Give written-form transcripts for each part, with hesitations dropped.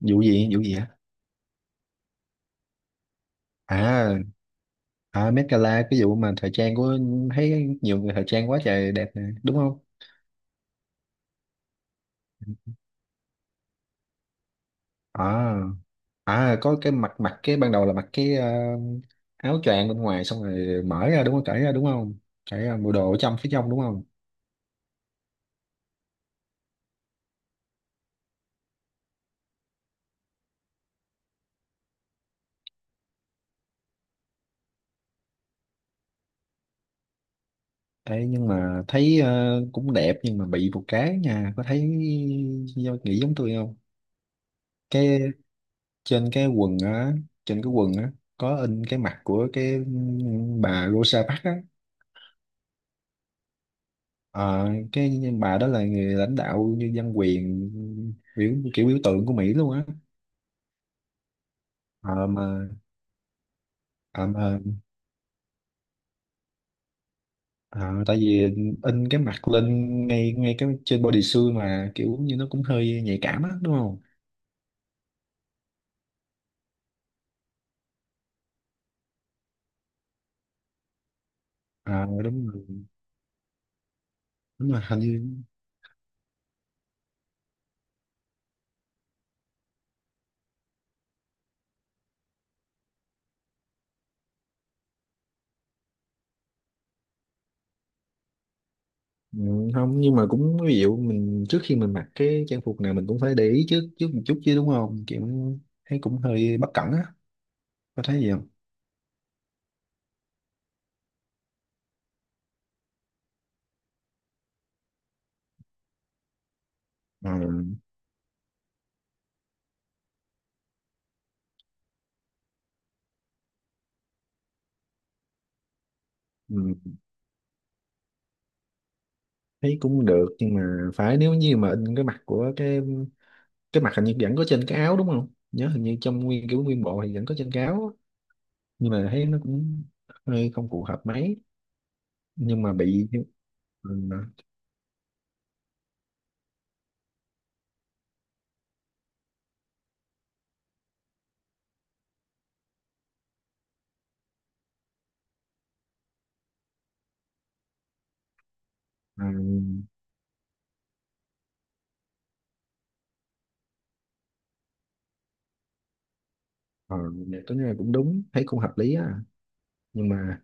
Vụ gì á? À à Met Gala, cái vụ mà thời trang của thấy nhiều người thời trang quá trời đẹp nè đúng không? À à có cái mặt mặt cái ban đầu là mặc cái áo choàng bên ngoài, xong rồi mở ra đúng không, cởi ra đúng không, cởi ra bộ đồ ở trong phía trong đúng không? Ê, nhưng mà thấy cũng đẹp nhưng mà bị một cái nha, có thấy nghĩ giống tôi không? Cái trên cái quần á trên cái quần á, có in cái mặt của cái bà Rosa Parks á. Ờ, cái bà đó là người lãnh đạo như dân quyền, biểu tượng của Mỹ luôn á. Ờ, mà ờ, mà ờ, tại vì in cái mặt lên ngay ngay cái trên body suit mà kiểu như nó cũng hơi nhạy cảm á đúng không? Ờ, đúng rồi, đúng rồi hình như. Ừ, không nhưng mà cũng ví dụ mình trước khi mình mặc cái trang phục nào mình cũng phải để ý trước trước một chút chứ đúng không, kiểu thấy cũng hơi bất cẩn á, có thấy gì không? Ờ, ừ, thấy cũng được nhưng mà phải nếu như mà in cái mặt của cái mặt hình như vẫn có trên cái áo đúng không, nhớ hình như trong nguyên kiểu nguyên bộ thì vẫn có trên cái áo á. Nhưng mà thấy nó cũng hơi không phù hợp mấy. Nhưng mà bị, ừ, à, ờ, vậy có là cũng đúng, thấy cũng hợp lý á. Nhưng mà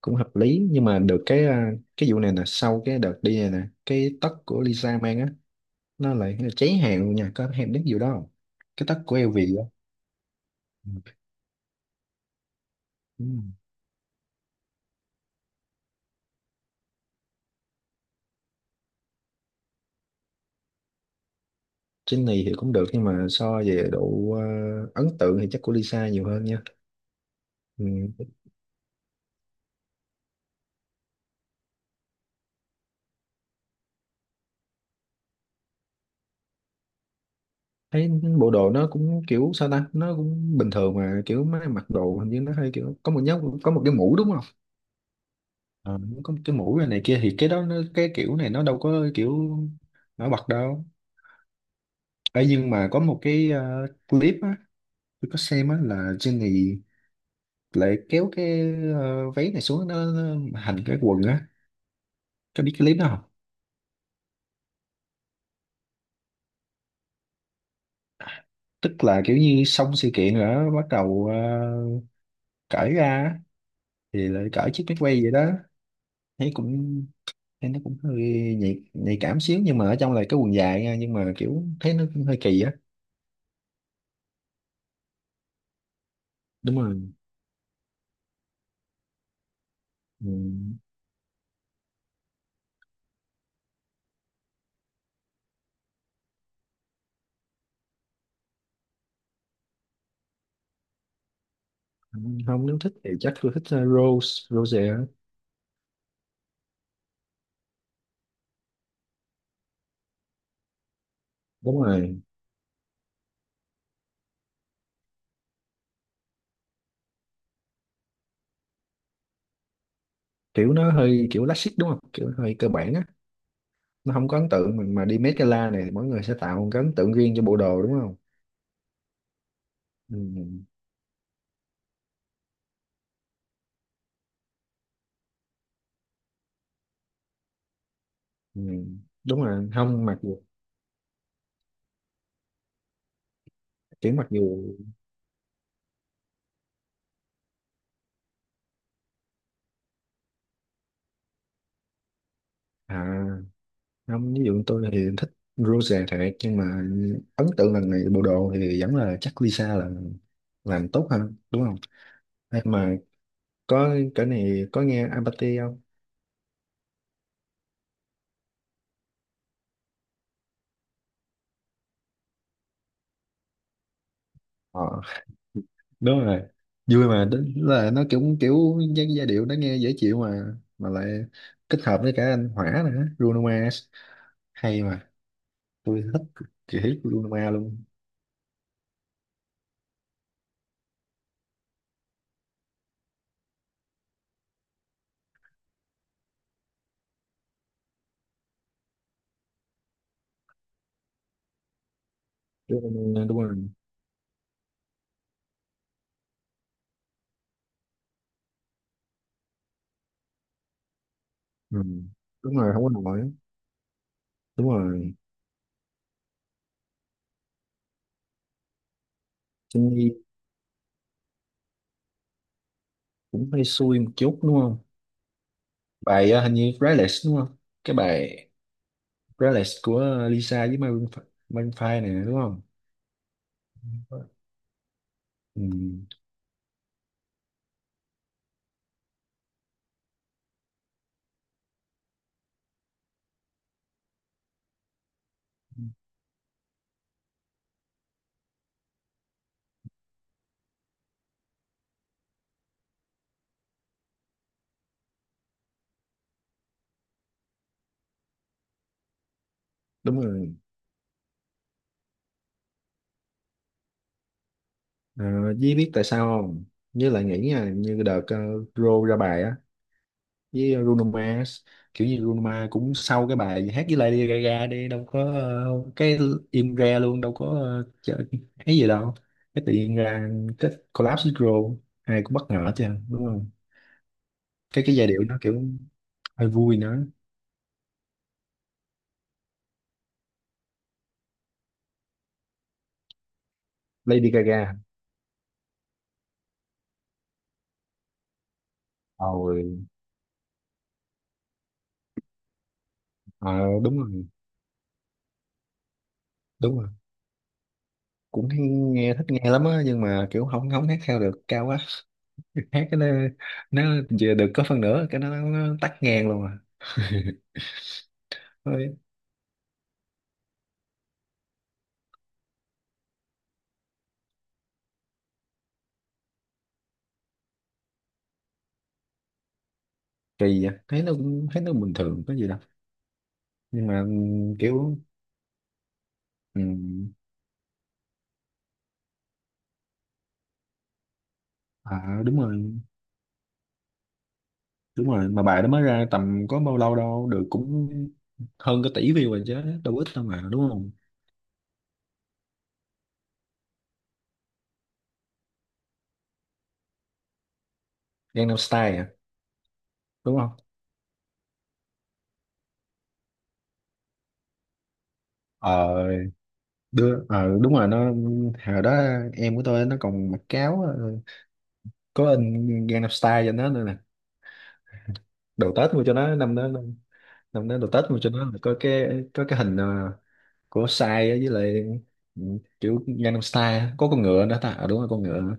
cũng hợp lý nhưng mà được cái à, cái vụ này nè, sau cái đợt đi này nè cái tất của Lisa mang á, nó lại cháy hàng luôn nha, có em biết vụ đó không? Cái tất của LV á. Ừ. Ừ. Trên này thì cũng được nhưng mà so về độ ấn tượng thì chắc của Lisa nhiều hơn nha. Ừ. Thấy bộ đồ nó cũng kiểu sao ta, nó cũng bình thường mà kiểu mấy mặc đồ hình như nó hơi kiểu có một nhóm có một cái mũ đúng không? Ờ, có một cái mũ này, này kia thì cái đó nó cái kiểu này nó đâu có kiểu nổi bật đâu. Ấy nhưng mà có một cái clip á, tôi có xem á là Jenny lại kéo cái váy này xuống, nó hành cái quần á, có biết cái clip đó không? Tức là kiểu như xong sự kiện rồi đó bắt đầu cởi ra á, thì lại cởi chiếc mép quay vậy đó. Thấy cũng thấy nó cũng hơi nhạy cảm xíu nhưng mà ở trong là cái quần dài nha, nhưng mà kiểu thấy nó cũng hơi kỳ á. Đúng rồi. Ừ. Không, nếu thích thì chắc tôi thích Rose Rose á. Đúng rồi, kiểu nó hơi kiểu classic đúng không, kiểu hơi cơ bản á. Nó không có ấn tượng mà đi Met Gala này mỗi người sẽ tạo một cái ấn tượng riêng cho bộ đồ đúng không? Ừ. Ừ. Ừ. Đúng rồi, không mặc dù kiểu mặc dù, à, không ví dụ tôi thì thích Rose thiệt, nhưng mà ấn tượng lần này bộ đồ thì vẫn là chắc Lisa là làm tốt hơn đúng không? Hay mà, có cái này có nghe Apathy không? Ờ, đúng rồi. Vui mà đến là nó cũng kiểu giai điệu nó nghe dễ chịu mà lại kết hợp với cả anh Hỏa nữa, Bruno Mars, hay mà. Tôi thích chị thích Bruno Mars luôn. Bruno Mars, đúng rồi. Ừ. Đúng rồi, không có nổi. Đúng rồi. Chân Nhi cũng hơi xui một chút đúng không? Bài hình như Relics đúng không? Cái bài Relics của Lisa với Maroon Maroon 5 nè đúng không? Ừ. Đúng rồi. Ờ, Dí biết tại sao không? Với lại nghĩ nha, như đợt Ro ra bài á với Bruno Mars, kiểu như Bruno Mars cũng sau cái bài hát với Lady Gaga đi đâu có cái im re luôn, đâu có chợ, cái gì đâu, cái tự nhiên ra cái collab với Ro ai cũng bất ngờ chứ đúng không? Cái giai điệu nó kiểu hơi vui nữa. Lady Gaga, rồi ờ, đúng rồi, đúng rồi, cũng hay nghe thích nghe lắm á, nhưng mà kiểu không không hát theo được, cao quá, hát cái nó giờ được có phần nữa cái nó tắt ngang luôn à. Thôi, kỳ vậy, thấy nó cũng thấy nó bình thường có gì đâu, nhưng mà kiểu ừm, à đúng rồi, đúng rồi mà bài đó mới ra tầm có bao lâu đâu, được cũng hơn cái tỷ view rồi chứ, đâu ít đâu mà đúng không? Gangnam Style à? Đúng không? Ờ đưa ờ đúng rồi, nó hồi đó em của tôi nó còn mặc cáo có in Gangnam Style cho nó nữa nè, đồ Tết mua cho nó năm đó. Năm đó đồ Tết mà cho nó là có cái, có cái hình của sai á, với lại, ừ, kiểu Gangnam Style á. Có con ngựa nữa ta, à, đúng rồi con ngựa nữa.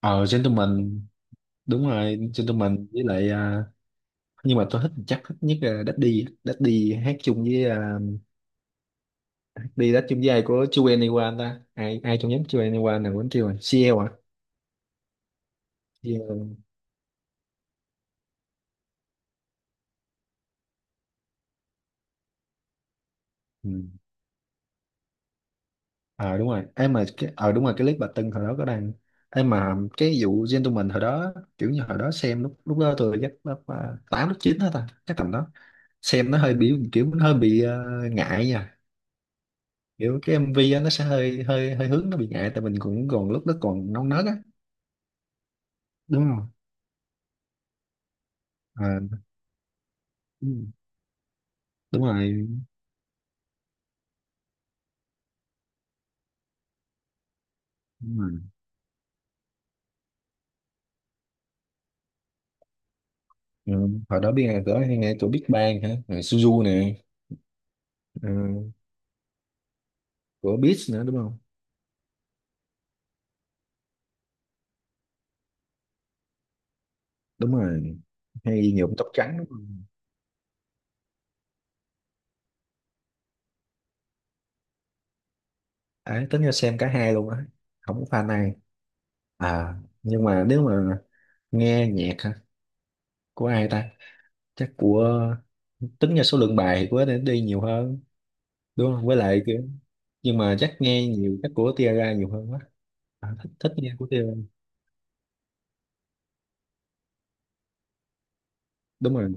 Ờ Gentleman, đúng rồi Gentleman với lại à, nhưng mà tôi thích chắc thích nhất là Daddy á. Daddy hát chung với à, đi hát chung với ai của 2NE1 ta, ai ai trong nhóm 2NE1 nào quên, chưa rồi CL à. CL. Ờ đúng rồi em mà cái ờ đúng rồi cái clip bà Tưng hồi đó có đăng, em mà cái vụ gentleman hồi đó kiểu như hồi đó xem lúc lúc đó tôi chắc lớp à, tám lớp chín đó ta, chắc tầm đó xem nó hơi bị kiểu nó hơi bị ngại nha, kiểu cái MV á, nó sẽ hơi hơi hơi hướng, nó bị ngại tại mình cũng còn lúc đó còn non nớt á đúng không? À, ừ, đúng rồi, đúng rồi. Ừ, hồi đó biết ai có hay nghe của Big Bang hả? Rồi Suzu nè, ừ, của Beats nữa đúng không? Đúng rồi, hay nhuộm tóc trắng đúng. Đấy, tính ra xem cả hai luôn á, không có pha này. À nhưng mà nếu mà nghe nhạc hả, của ai ta, chắc của, tính ra số lượng bài thì của để đi nhiều hơn đúng không, với lại kiểu nhưng mà chắc nghe nhiều chắc của Tiara nhiều hơn quá. À, thích thích nghe của Tiara, đúng rồi.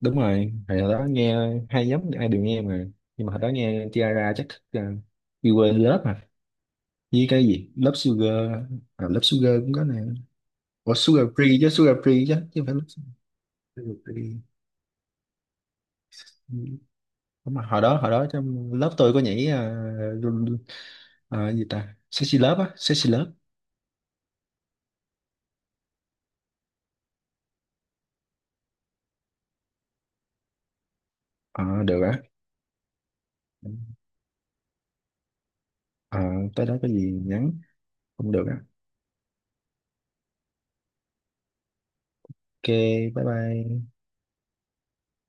Đúng rồi hồi đó nghe hai nhóm ai đều nghe mà, nhưng mà hồi đó nghe Tiara chắc thích You Were in Love mà, với cái gì Love Sugar, à, Love Sugar cũng có nè. Ủa Sugar Free chứ, Sugar Free chứ, chứ không phải Love. Sugar Free. Đúng rồi. Hồi đó hồi đó trong lớp tôi có nhảy à, à, gì ta, sexy lớp á, sexy lớp. Ờ, được á. Ờ, tới đó có gì nhắn. Không được á. Ok. Bye bye.